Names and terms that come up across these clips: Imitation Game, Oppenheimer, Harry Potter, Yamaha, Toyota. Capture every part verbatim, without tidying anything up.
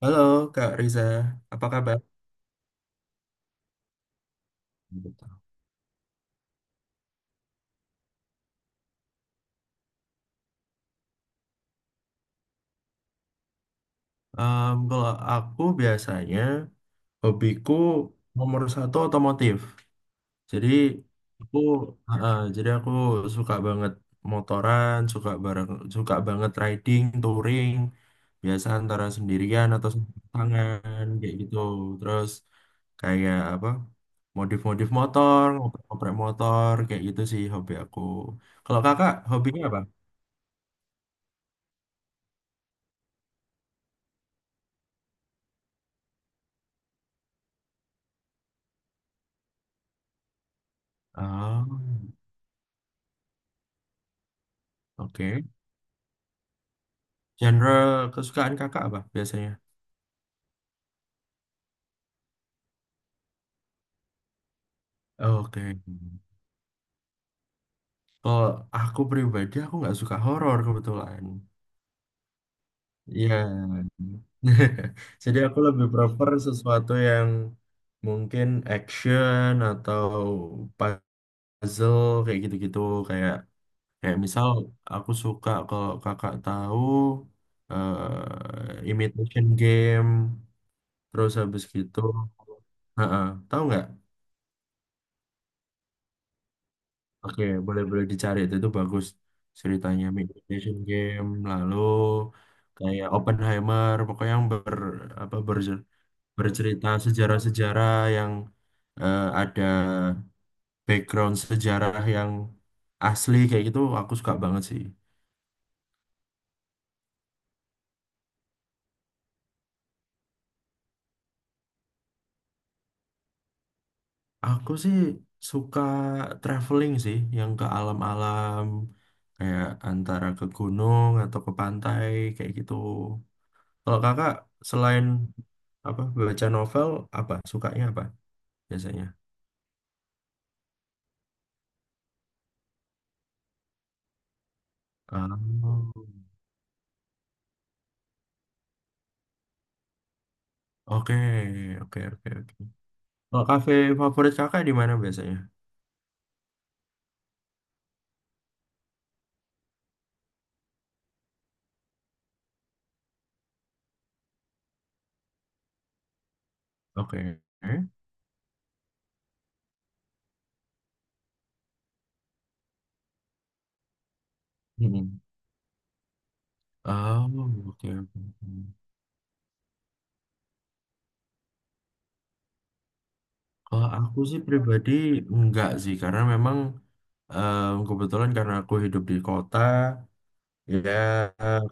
Halo Kak Riza, apa kabar? Gitu. Em, kalau aku biasanya hobiku nomor satu otomotif. Jadi aku eh, eh, jadi aku suka banget motoran, suka bareng, suka banget riding, touring. Biasa antara sendirian atau sama pasangan kayak gitu. Terus kayak apa? Modif-modif motor, ngoprek-ngoprek motor kayak gitu sih hobi aku. Kalau kakak hobinya apa? Oh, oke. Genre kesukaan kakak apa biasanya? Oke. Kalau aku pribadi aku nggak suka horor kebetulan. Iya. Jadi aku lebih prefer sesuatu yang mungkin action atau puzzle kayak gitu-gitu kayak kayak misal aku suka kalau kakak tahu eh, Imitation Game, terus habis gitu, heeh, tahu nggak? Oke, boleh-boleh dicari itu, itu bagus ceritanya Meditation Game, lalu kayak Oppenheimer, pokoknya yang ber apa berje- bercerita sejarah-sejarah yang eh, ada background sejarah yang asli kayak gitu aku suka banget sih. Aku sih suka traveling sih yang ke alam-alam kayak antara ke gunung atau ke pantai kayak gitu. Kalau kakak selain apa baca novel apa sukanya apa biasanya? Oh, oke oke oke oke. Kalau kafe favorit kakak di mana biasanya? Oke. Hmm. Oh, oke oke. Kalau aku sih pribadi enggak sih, karena memang em, kebetulan karena aku hidup di kota ya,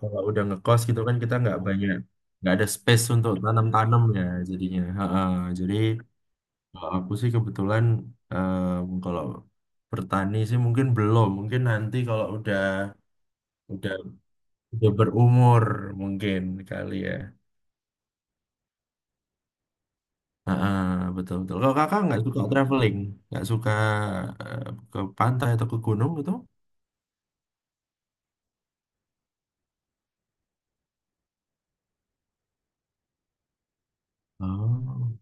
kalau udah ngekos gitu kan kita nggak banyak, nggak ada space untuk tanam-tanam ya jadinya. Ha-ha. Jadi, kalau aku sih kebetulan em, kalau bertani sih mungkin belum. Mungkin nanti kalau udah udah udah berumur mungkin kali ya. Ah, ah, betul betul. Kalau kakak nggak suka traveling, nggak suka eh, ke pantai atau ke gunung gitu? Oh,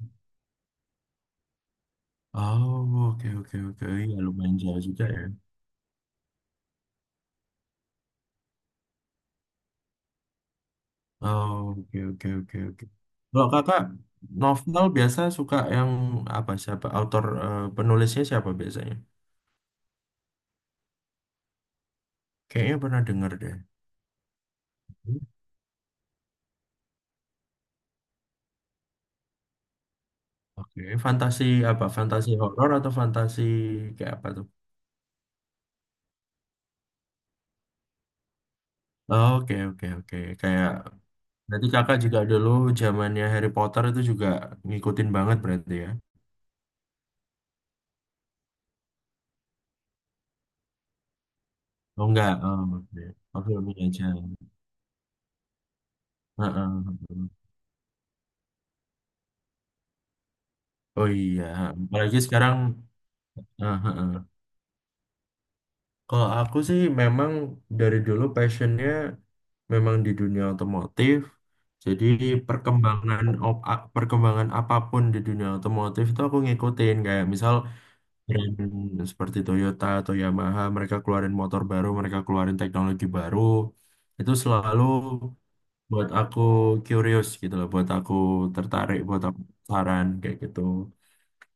oh, oke oke oke. Ya lumayan jauh juga ya. Oh, oke oke oke oke. Kalau kakak novel biasa suka yang apa, siapa? Autor eh, penulisnya siapa biasanya? Kayaknya pernah denger deh. Oke, fantasi apa? Fantasi horor atau fantasi kayak apa tuh? Oh, oke, oke, oke. Kayak berarti kakak juga dulu zamannya Harry Potter itu juga ngikutin banget berarti ya? Oh enggak, oh, oke. Oh, filmnya aja. Heeh, heeh. Oh iya, apalagi sekarang. eh, heeh. Kalau aku sih memang dari dulu passionnya memang di dunia otomotif. Jadi perkembangan op- a- perkembangan apapun di dunia otomotif itu aku ngikutin kayak misal brand seperti Toyota atau Yamaha, mereka keluarin motor baru, mereka keluarin teknologi baru, itu selalu buat aku curious gitu loh, buat aku tertarik, buat aku saran kayak gitu.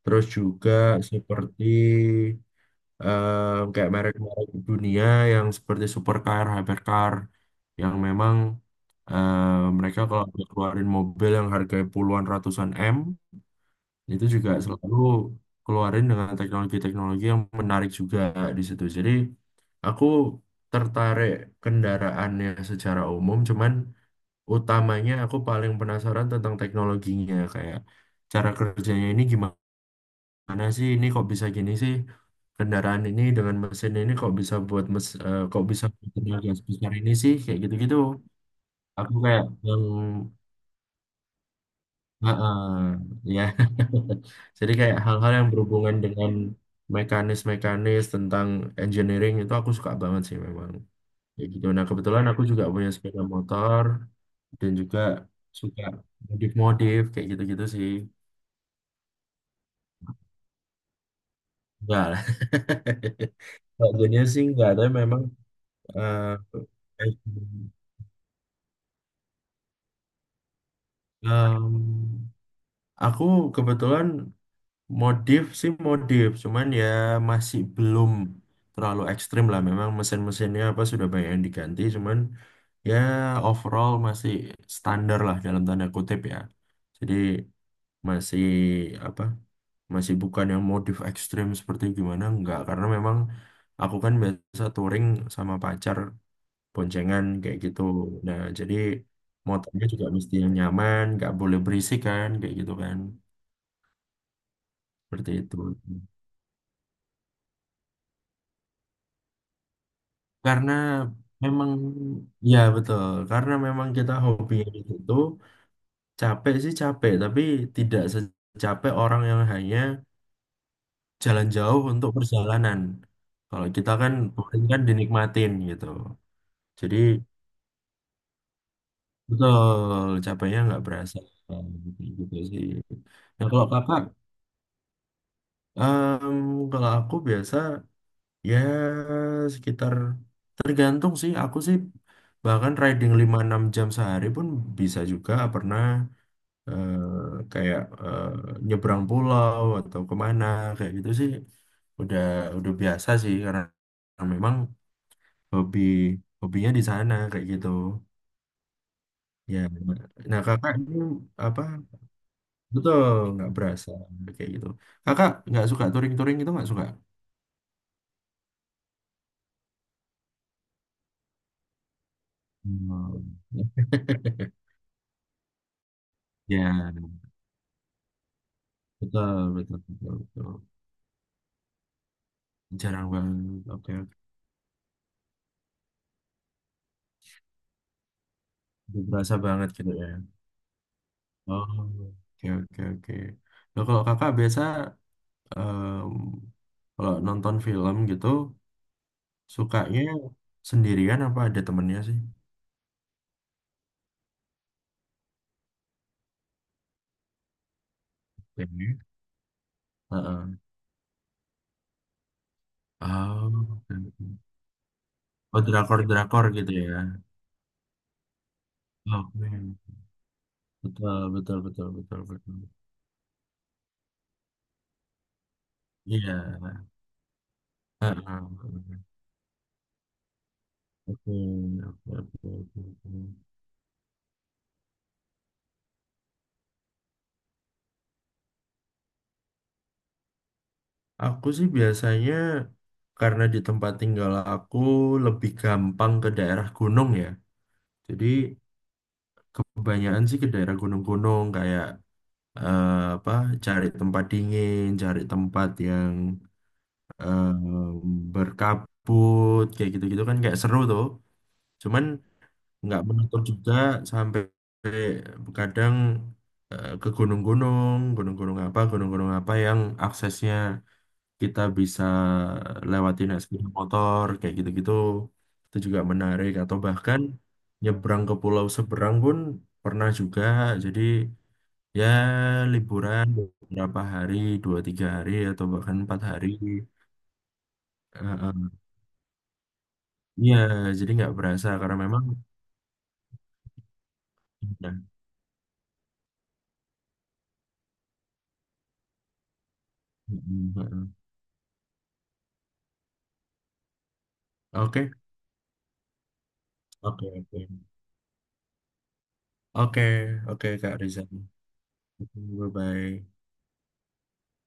Terus juga seperti eh, kayak merek-merek dunia yang seperti supercar, hypercar, yang memang eh, mereka kalau keluarin mobil yang harganya puluhan ratusan M, itu juga selalu keluarin dengan teknologi-teknologi yang menarik juga di situ. Jadi aku tertarik kendaraannya secara umum, cuman utamanya aku paling penasaran tentang teknologinya, kayak cara kerjanya ini gimana sih? Ini kok bisa gini sih? Kendaraan ini dengan mesin ini kok bisa buat mes, eh, kok bisa buat tenaga sebesar ini sih? Kayak gitu-gitu. Aku kayak yang, heeh, ya. Jadi kayak hal-hal yang berhubungan dengan mekanis-mekanis tentang engineering itu aku suka banget sih memang, kayak gitu. Nah, kebetulan aku juga punya sepeda motor dan juga suka modif-modif kayak gitu-gitu sih. Enggak lah. Kalau dunia sih enggak, tapi memang eh, em, aku kebetulan. Modif sih modif, cuman ya masih belum terlalu ekstrim lah. Memang mesin-mesinnya apa sudah banyak yang diganti, cuman ya overall masih standar lah dalam tanda kutip ya. Jadi masih apa? Masih bukan yang modif ekstrim seperti gimana enggak, karena memang aku kan biasa touring sama pacar boncengan kayak gitu. Nah, jadi motornya juga mesti yang nyaman, nggak boleh berisik kan, kayak gitu kan, seperti itu. Karena memang ya betul, karena memang kita hobi itu, capek sih capek, tapi tidak secapek orang yang hanya jalan jauh untuk perjalanan. Kalau kita kan bukan, kan dinikmatin gitu. Jadi betul, capeknya nggak berasa gitu sih. Nah kalau kakak, em, kalau aku biasa, ya, sekitar tergantung sih. Aku sih bahkan riding lima enam jam sehari pun bisa juga pernah, eh, kayak eh, nyebrang pulau atau kemana kayak gitu sih. Udah udah biasa sih karena memang hobi hobinya di sana kayak gitu. Ya, nah kakak ini apa? Betul, nggak berasa kayak gitu. Kakak nggak suka touring-touring itu nggak suka? Hmm. Ya. Betul, betul, betul, betul. Jarang banget. Oke, oke. Berasa banget gitu ya. Oh, oke, oke, oke. Nah, kalau kakak biasa, em, kalau nonton film gitu, sukanya sendirian apa ada temennya sih? Ini. Heeh. Oh, oke, oke. Oh, drakor-drakor gitu ya. Oke. Betul, betul, betul, betul, betul. Iya. Heeh. Oke, oke, oke, oke. Aku sih biasanya karena di tempat tinggal aku lebih gampang ke daerah gunung ya. Jadi kebanyakan sih ke daerah gunung-gunung kayak, eh, apa, cari tempat dingin, cari tempat yang eh, berkabut kayak gitu-gitu kan, kayak seru tuh. Cuman nggak menutup juga sampai kadang eh, ke gunung-gunung, gunung-gunung apa, gunung-gunung apa yang aksesnya kita bisa lewatin sepeda motor kayak gitu-gitu itu juga menarik, atau bahkan nyebrang ke pulau seberang pun pernah juga. Jadi ya liburan beberapa hari, dua tiga hari atau bahkan empat hari. Eh, eh. Iya, jadi nggak berasa karena memang. Nah, mm, mm, mm. Oke oke oke oke oke, Kak Rizal, bye bye.